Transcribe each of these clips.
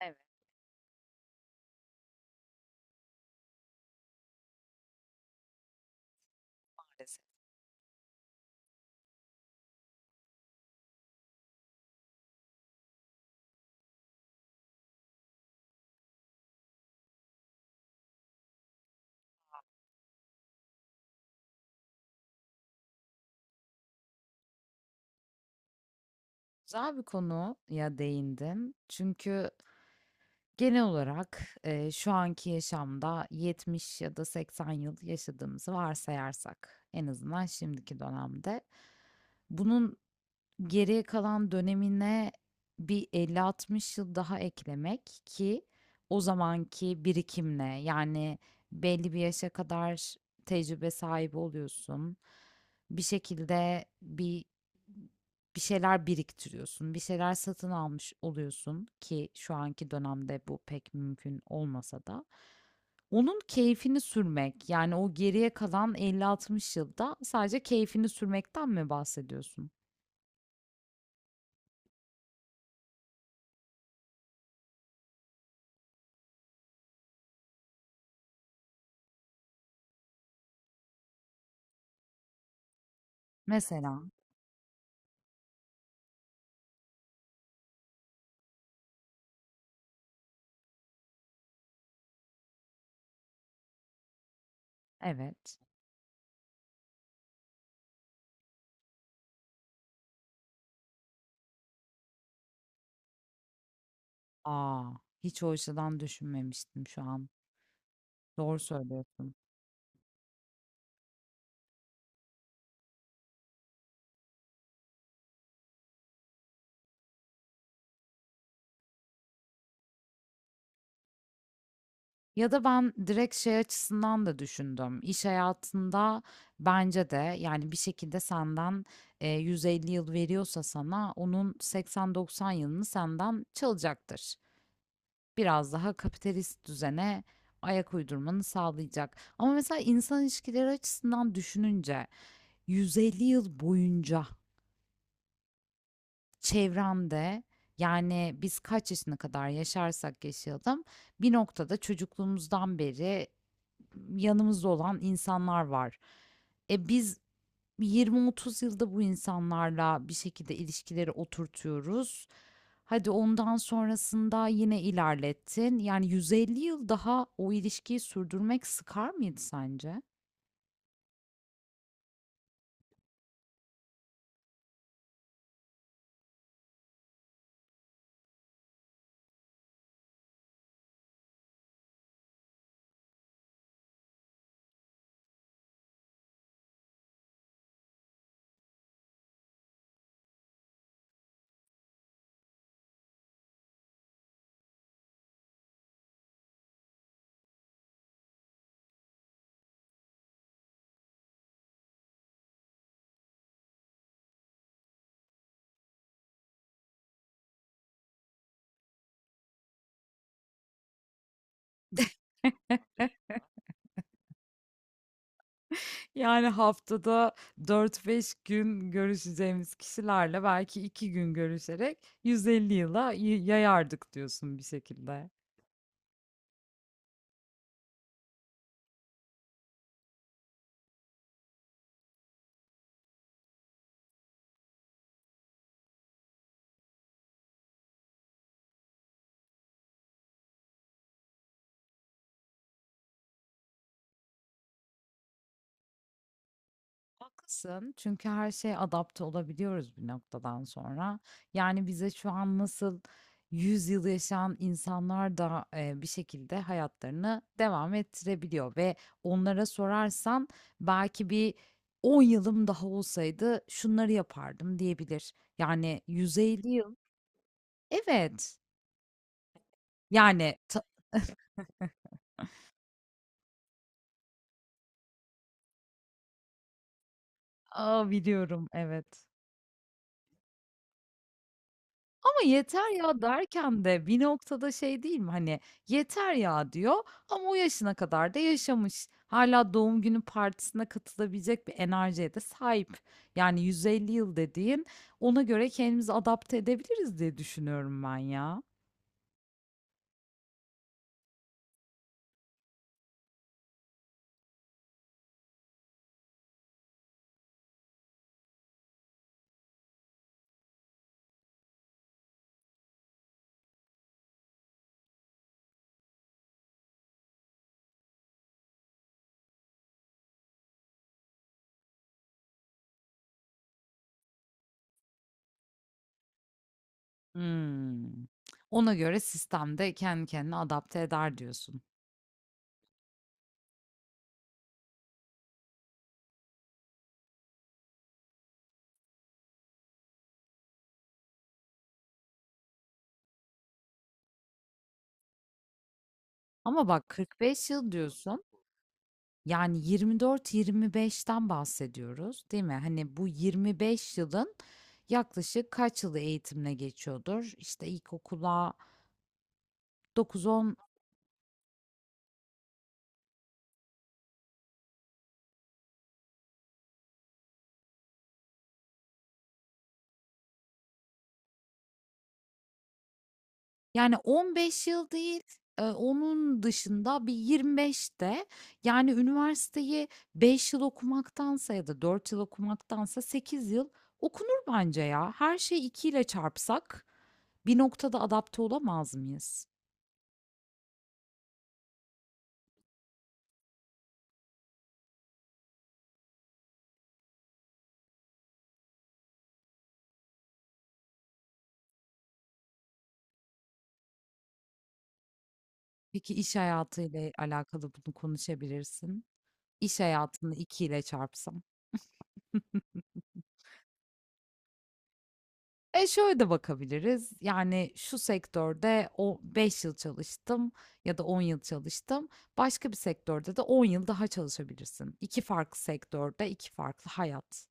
Evet, maalesef. Güzel bir konuya değindim. Çünkü genel olarak, şu anki yaşamda 70 ya da 80 yıl yaşadığımızı varsayarsak en azından şimdiki dönemde bunun geriye kalan dönemine bir elli altmış yıl daha eklemek ki o zamanki birikimle yani belli bir yaşa kadar tecrübe sahibi oluyorsun. Bir şekilde bir şeyler biriktiriyorsun, bir şeyler satın almış oluyorsun ki şu anki dönemde bu pek mümkün olmasa da. Onun keyfini sürmek, yani o geriye kalan 50-60 yılda sadece keyfini sürmekten mi bahsediyorsun? Mesela, evet. A! Hiç o açıdan düşünmemiştim şu an. Doğru söylüyorsun. Ya da ben direkt şey açısından da düşündüm. İş hayatında bence de yani bir şekilde senden, 150 yıl veriyorsa sana onun 80-90 yılını senden çalacaktır. Biraz daha kapitalist düzene ayak uydurmanı sağlayacak. Ama mesela insan ilişkileri açısından düşününce 150 yıl boyunca çevremde, yani biz kaç yaşına kadar yaşarsak yaşayalım bir noktada çocukluğumuzdan beri yanımızda olan insanlar var. E biz 20-30 yılda bu insanlarla bir şekilde ilişkileri oturtuyoruz. Hadi ondan sonrasında yine ilerlettin. Yani 150 yıl daha o ilişkiyi sürdürmek sıkar mıydı sence? Yani haftada 4-5 gün görüşeceğimiz kişilerle belki 2 gün görüşerek 150 yıla yayardık diyorsun bir şekilde. Haklısın, çünkü her şeye adapte olabiliyoruz bir noktadan sonra. Yani bize şu an nasıl 100 yıl yaşayan insanlar da bir şekilde hayatlarını devam ettirebiliyor ve onlara sorarsan belki bir 10 yılım daha olsaydı şunları yapardım diyebilir. Yani 150 yıl. Evet, yani A, biliyorum, evet. Ama "Yeter ya!" derken de bir noktada şey değil mi, hani, "Yeter ya!" diyor ama o yaşına kadar da yaşamış. Hâlâ doğum günü partisine katılabilecek bir enerjiye de sahip. Yani 150 yıl dediğin, ona göre kendimizi adapte edebiliriz diye düşünüyorum ben ya. Hımm. Ona göre sistem de kendi kendine adapte eder diyorsun. Ama bak 45 yıl diyorsun. Yani 24-25'ten bahsediyoruz, değil mi? Hani bu 25 yılın yaklaşık kaç yılı eğitimle geçiyordur? İşte ilkokula 9-10, yani 15 yıl değil, onun dışında bir 25'te yani üniversiteyi 5 yıl okumaktansa ya da 4 yıl okumaktansa 8 yıl okunur bence ya. Her şeyi 2 ile çarpsak bir noktada adapte olamaz mıyız? Peki iş hayatıyla alakalı bunu konuşabilirsin. İş hayatını 2 ile çarpsam. E şöyle de bakabiliriz. Yani şu sektörde o 5 yıl çalıştım ya da 10 yıl çalıştım. Başka bir sektörde de 10 yıl daha çalışabilirsin. İki farklı sektörde iki farklı hayat.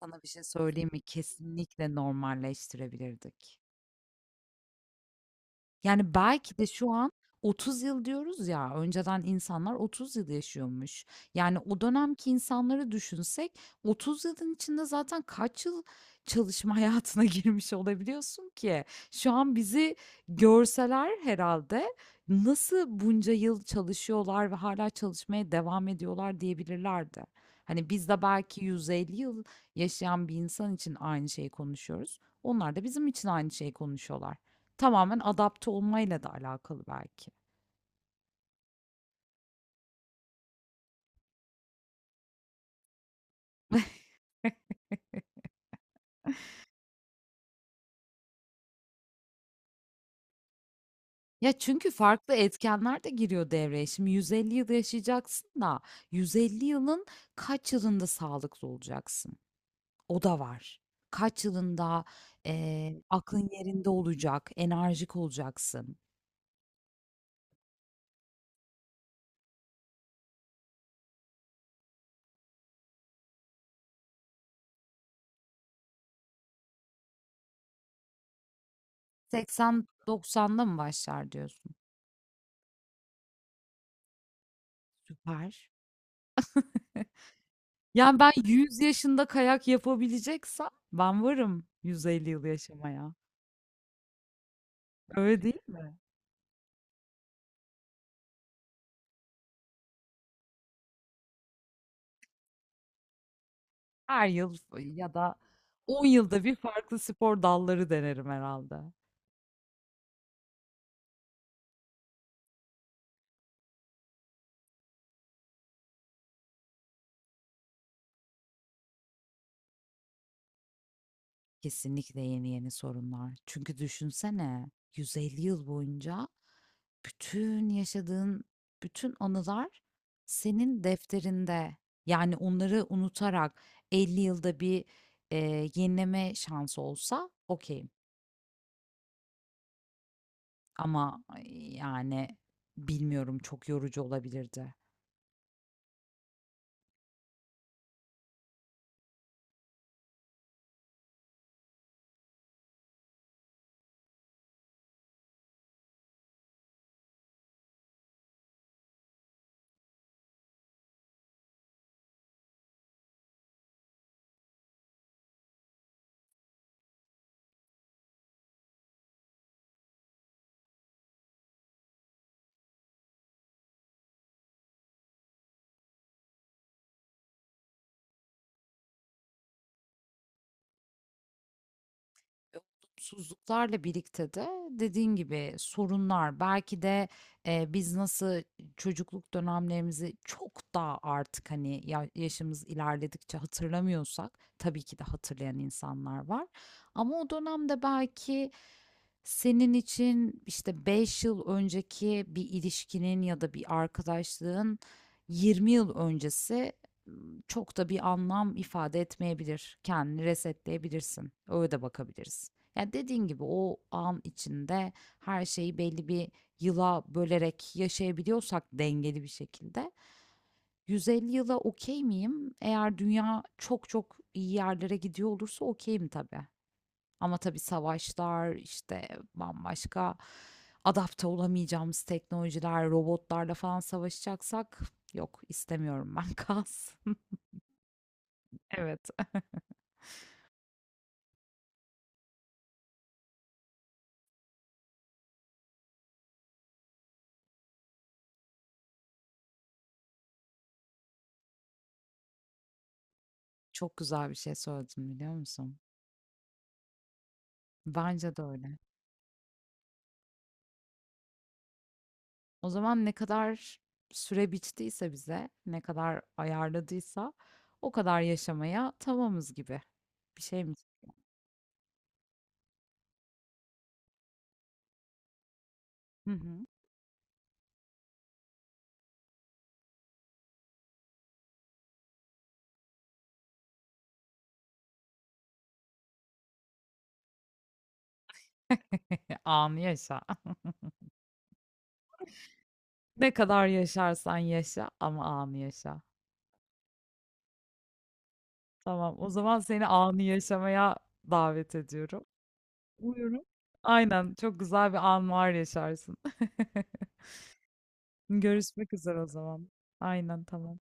Sana bir şey söyleyeyim mi? Kesinlikle normalleştirebilirdik. Yani, belki de şu an 30 yıl diyoruz ya, önceden insanlar 30 yıl yaşıyormuş. Yani, o dönemki insanları düşünsek 30 yılın içinde zaten kaç yıl çalışma hayatına girmiş olabiliyorsun ki? Şu an bizi görseler herhalde nasıl bunca yıl çalışıyorlar ve hala çalışmaya devam ediyorlar diyebilirlerdi. Hani, biz de belki 150 yıl yaşayan bir insan için aynı şeyi konuşuyoruz. Onlar da bizim için aynı şeyi konuşuyorlar. Tamamen adapte olmayla da alakalı belki. Ya, çünkü farklı etkenler de giriyor devreye. Şimdi 150 yıl yaşayacaksın da 150 yılın kaç yılında sağlıklı olacaksın? O da var. Kaç yılında, aklın yerinde olacak, enerjik olacaksın? 80-90'da mı başlar diyorsun? Süper. Yani, ben 100 yaşında kayak yapabileceksem ben varım 150 yıl yaşamaya. Öyle değil mi? Her yıl ya da 10 yılda bir farklı spor dalları denerim herhalde. Kesinlikle yeni yeni sorunlar. Çünkü düşünsene 150 yıl boyunca bütün yaşadığın bütün anılar senin defterinde. Yani onları unutarak 50 yılda bir yenileme şansı olsa okey. Ama yani bilmiyorum, çok yorucu olabilirdi. Olumsuzluklarla birlikte de dediğin gibi sorunlar belki de biz nasıl çocukluk dönemlerimizi çok daha artık hani yaşımız ilerledikçe hatırlamıyorsak tabii ki de hatırlayan insanlar var ama o dönemde belki senin için işte 5 yıl önceki bir ilişkinin ya da bir arkadaşlığın 20 yıl öncesi m, çok da bir anlam ifade etmeyebilir. Kendini resetleyebilirsin. Öyle de bakabiliriz. Yani dediğin gibi o an içinde her şeyi belli bir yıla bölerek yaşayabiliyorsak dengeli bir şekilde 150 yıla okey miyim? Eğer dünya çok çok iyi yerlere gidiyor olursa okeyim tabii. Ama tabii savaşlar, işte bambaşka adapte olamayacağımız teknolojiler, robotlarla falan savaşacaksak yok istemiyorum ben kalsın. Evet. Çok güzel bir şey söyledin biliyor musun? Bence de öyle. O zaman ne kadar süre biçtiyse bize, ne kadar ayarladıysa o kadar yaşamaya tamamız gibi bir şey mi? Hı hı. Anı yaşa. Ne kadar yaşarsan yaşa ama anı yaşa. Tamam, o zaman seni anı yaşamaya davet ediyorum. Umarım. Aynen, çok güzel bir an var yaşarsın. Görüşmek üzere o zaman. Aynen, tamam.